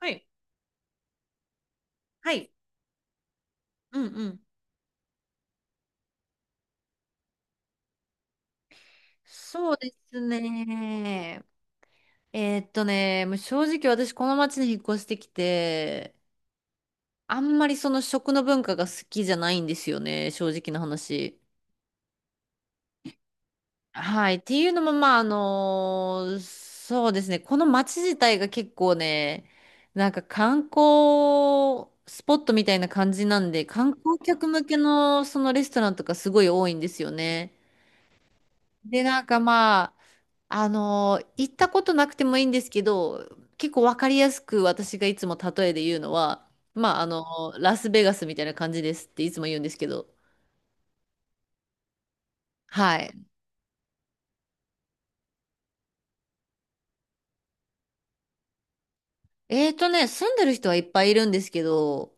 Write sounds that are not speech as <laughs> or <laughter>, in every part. はい。はい。うんうん。そうですね。もう正直私この町に引っ越してきて、あんまりその食の文化が好きじゃないんですよね、正直な話。はい。っていうのも、まあ、そうですね。この町自体が結構ね、なんか観光スポットみたいな感じなんで、観光客向けのそのレストランとかすごい多いんですよね。で、なんかまあ、行ったことなくてもいいんですけど、結構わかりやすく私がいつも例えで言うのは、まあ、ラスベガスみたいな感じですっていつも言うんですけど、はい。住んでる人はいっぱいいるんですけど、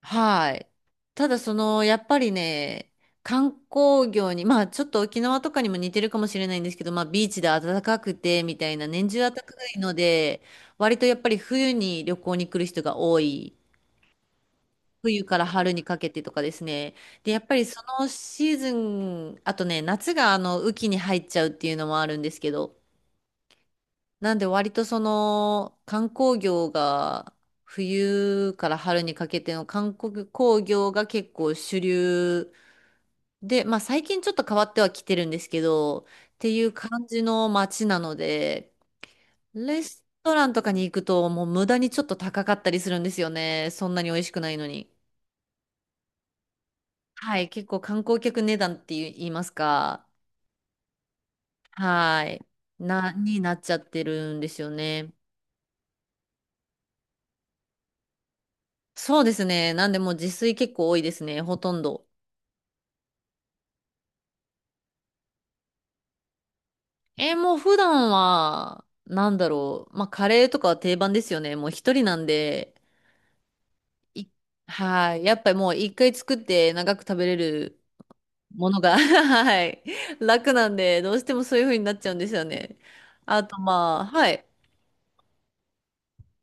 はい。ただその、やっぱりね、観光業に、まあちょっと沖縄とかにも似てるかもしれないんですけど、まあビーチで暖かくてみたいな、年中暖かいので、割とやっぱり冬に旅行に来る人が多い。冬から春にかけてとかですね。で、やっぱりそのシーズン、あとね、夏が雨季に入っちゃうっていうのもあるんですけど、なんで割とその観光業が冬から春にかけての観光業が結構主流で、まあ最近ちょっと変わってはきてるんですけど、っていう感じの街なので、レストランとかに行くともう無駄にちょっと高かったりするんですよね。そんなに美味しくないのに。はい、結構観光客値段って言いますか、はい、になっちゃってるんですよね。そうですね。なんでもう自炊結構多いですね、ほとんど。もう普段は、なんだろう。まあ、カレーとかは定番ですよね。もう一人なんで、いはい。やっぱりもう一回作って長く食べれるものが <laughs> はい。楽なんで、どうしてもそういう風になっちゃうんですよね。あと、まあ、はい。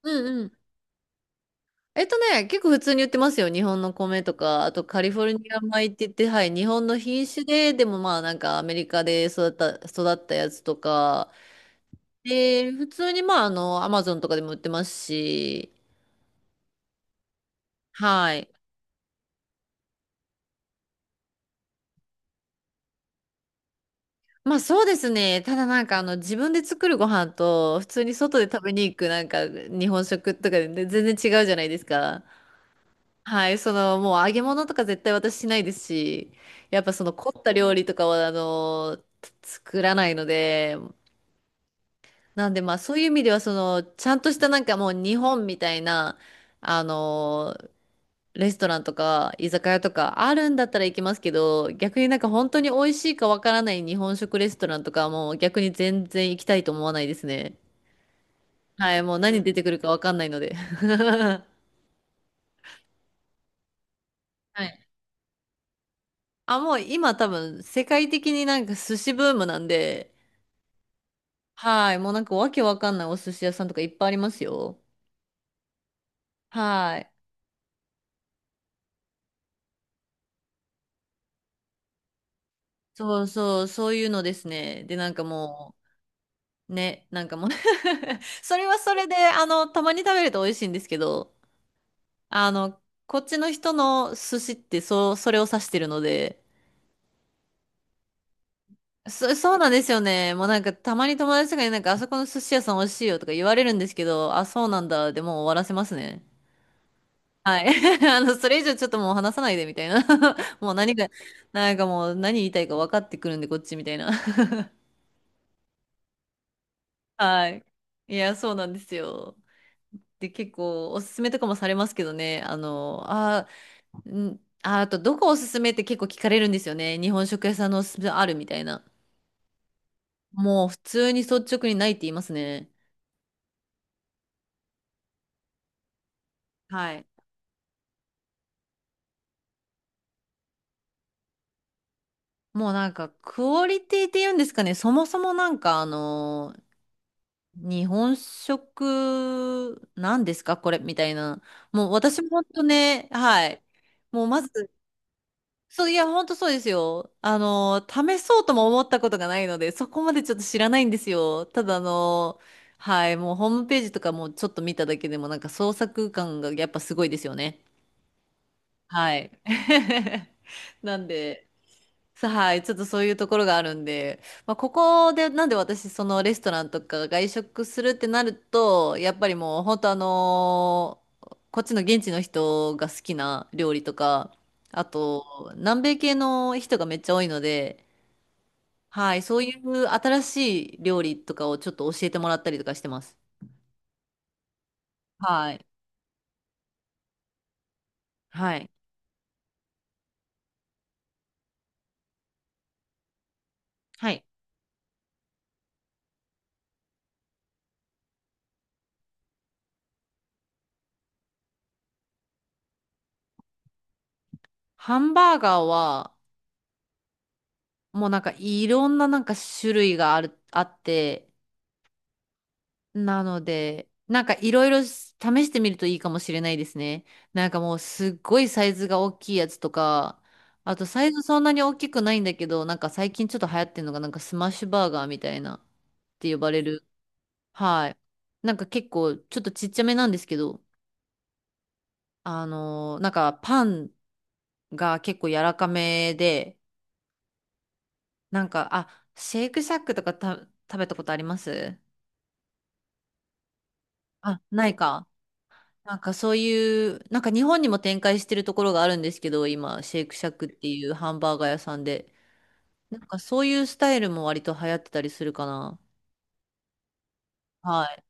うん。結構普通に売ってますよ。日本の米とか、あとカリフォルニア米って言って、はい、日本の品種で、でもまあなんかアメリカで育った、やつとか、で、普通にまあアマゾンとかでも売ってますし、はい。まあそうですね。ただなんか自分で作るご飯と、普通に外で食べに行くなんか日本食とかで全然違うじゃないですか。はい、そのもう揚げ物とか絶対私しないですし、やっぱその凝った料理とかは作らないので、なんでまあそういう意味ではそのちゃんとしたなんかもう日本みたいなあのーレストランとか居酒屋とかあるんだったら行きますけど逆になんか本当に美味しいかわからない日本食レストランとかはもう逆に全然行きたいと思わないですね。はい、もう何出てくるかわかんないので。<laughs> はい。あ、もう今多分世界的になんか寿司ブームなんで、はい、もうなんかわけわかんないお寿司屋さんとかいっぱいありますよ。はい。そうそう、そういうのですね。で、なんかもう、ね、なんかもう <laughs> それはそれで、たまに食べると美味しいんですけど、あの、こっちの人の寿司ってそう、それを指してるので、そうなんですよね。もうなんかたまに友達とかになんかあそこの寿司屋さん美味しいよとか言われるんですけど、あ、そうなんだ。でもう終わらせますね。はい。<laughs> それ以上ちょっともう話さないでみたいな。<laughs> もう何が、なんかもう何言いたいか分かってくるんでこっちみたいな。<laughs> はい。いや、そうなんですよ。で、結構おすすめとかもされますけどね。あと、どこおすすめって結構聞かれるんですよね。日本食屋さんのおすすめあるみたいな。もう普通に率直にないって言いますね。はい。もうなんか、クオリティって言うんですかね。そもそもなんか、日本食、なんですかこれみたいな。もう私も本当ね、はい。もうまず、そう、いや、ほんとそうですよ。試そうとも思ったことがないので、そこまでちょっと知らないんですよ。ただ、はい、もうホームページとかもちょっと見ただけでも、なんか創作感がやっぱすごいですよね。はい。<laughs> なんで、はい、ちょっとそういうところがあるんで、まあ、ここでなんで私そのレストランとか外食するってなるとやっぱりもう本当こっちの現地の人が好きな料理とかあと南米系の人がめっちゃ多いので、はい、そういう新しい料理とかをちょっと教えてもらったりとかしてます。はい。はい。はい。ハンバーガーはもうなんかいろんななんか種類があってなので、なんかいろいろ試してみるといいかもしれないですね。なんかもうすっごいサイズが大きいやつとか、あとサイズそんなに大きくないんだけど、なんか最近ちょっと流行ってるのがなんかスマッシュバーガーみたいなって呼ばれる。はい。なんか結構ちょっとちっちゃめなんですけど、なんかパンが結構柔らかめで、なんか、あ、シェイクシャックとか食べたことあります？あ、ないか。なんかそういう、なんか日本にも展開してるところがあるんですけど、今、シェイクシャックっていうハンバーガー屋さんで。なんかそういうスタイルも割と流行ってたりするかな。はい。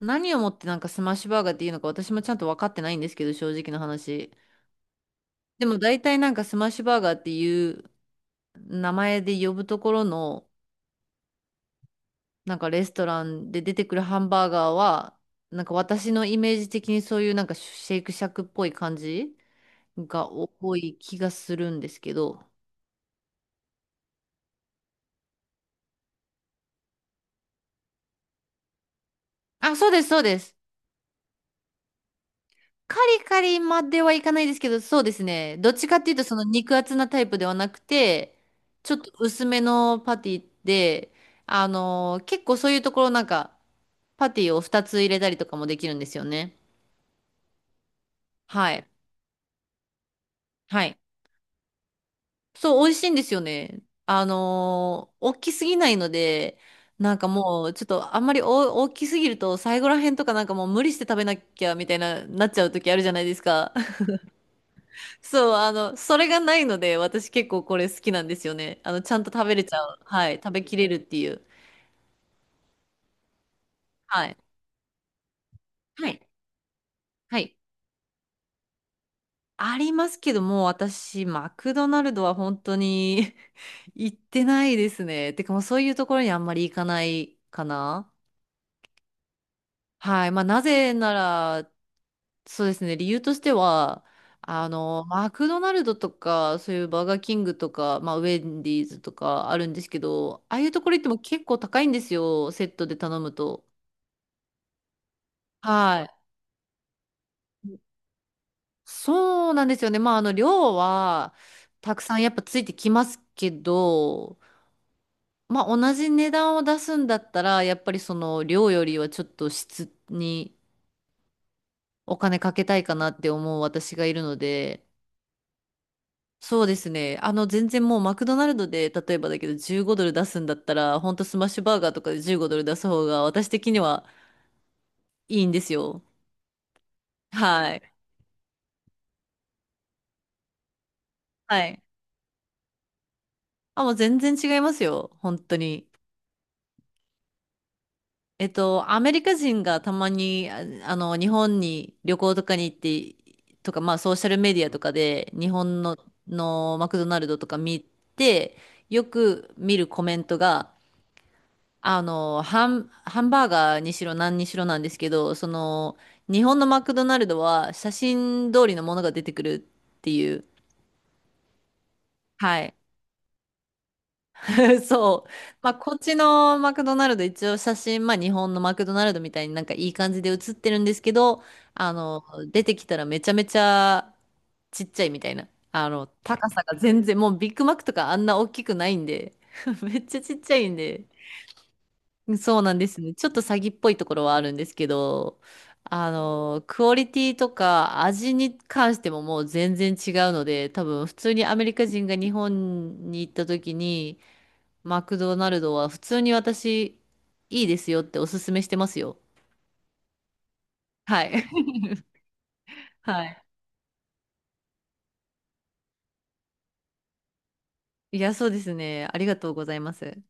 何をもってなんかスマッシュバーガーっていうのか私もちゃんと分かってないんですけど、正直な話。でも大体なんかスマッシュバーガーっていう名前で呼ぶところの、なんかレストランで出てくるハンバーガーは、なんか私のイメージ的にそういうなんかシェイクシャックっぽい感じが多い気がするんですけど。あ、そうです、そうです。カリカリまではいかないですけど、そうですね。どっちかっていうと、その肉厚なタイプではなくて、ちょっと薄めのパティで、結構そういうところなんか、パティを2つ入れたりとかもできるんですよね。はい。はい。そう、美味しいんですよね。大きすぎないので、なんかもう、ちょっとあんまり大きすぎると、最後らへんとかなんかもう無理して食べなきゃみたいな、なっちゃう時あるじゃないですか。そう、それがないので、私結構これ好きなんですよね。ちゃんと食べれちゃう。はい。食べきれるっていう。はい。はい。はい。ありますけども、私、マクドナルドは本当に <laughs> 行ってないですね。てかもうそういうところにあんまり行かないかな。はい。まあ、なぜなら、そうですね。理由としては、マクドナルドとか、そういうバーガーキングとか、まあ、ウェンディーズとかあるんですけど、ああいうところ行っても結構高いんですよ、セットで頼むと。はい。そうなんですよね。まあ、量は、たくさんやっぱついてきますけど、まあ、同じ値段を出すんだったら、やっぱりその量よりはちょっと質にお金かけたいかなって思う私がいるので、そうですね。全然もうマクドナルドで、例えばだけど15ドル出すんだったら、ほんとスマッシュバーガーとかで15ドル出す方が私的にはいいんですよ。はい。はい。あ、もう全然違いますよ。本当に。アメリカ人がたまに、日本に旅行とかに行って、とか、まあ、ソーシャルメディアとかで、日本の、のマクドナルドとか見て、よく見るコメントが、ハンバーガーにしろ何にしろなんですけど、その、日本のマクドナルドは写真通りのものが出てくるっていう。はい。<laughs> そう。まあ、こっちのマクドナルド、一応写真、まあ、日本のマクドナルドみたいになんかいい感じで写ってるんですけど、あの、出てきたらめちゃめちゃちっちゃいみたいな。高さが全然、もうビッグマックとかあんな大きくないんで、<laughs> めっちゃちっちゃいんで、そうなんですね。ちょっと詐欺っぽいところはあるんですけど、クオリティとか味に関してももう全然違うので、多分普通にアメリカ人が日本に行った時に、マクドナルドは普通に私、いいですよっておすすめしてますよ。はい。<laughs> はい。いや、そうですね。ありがとうございます。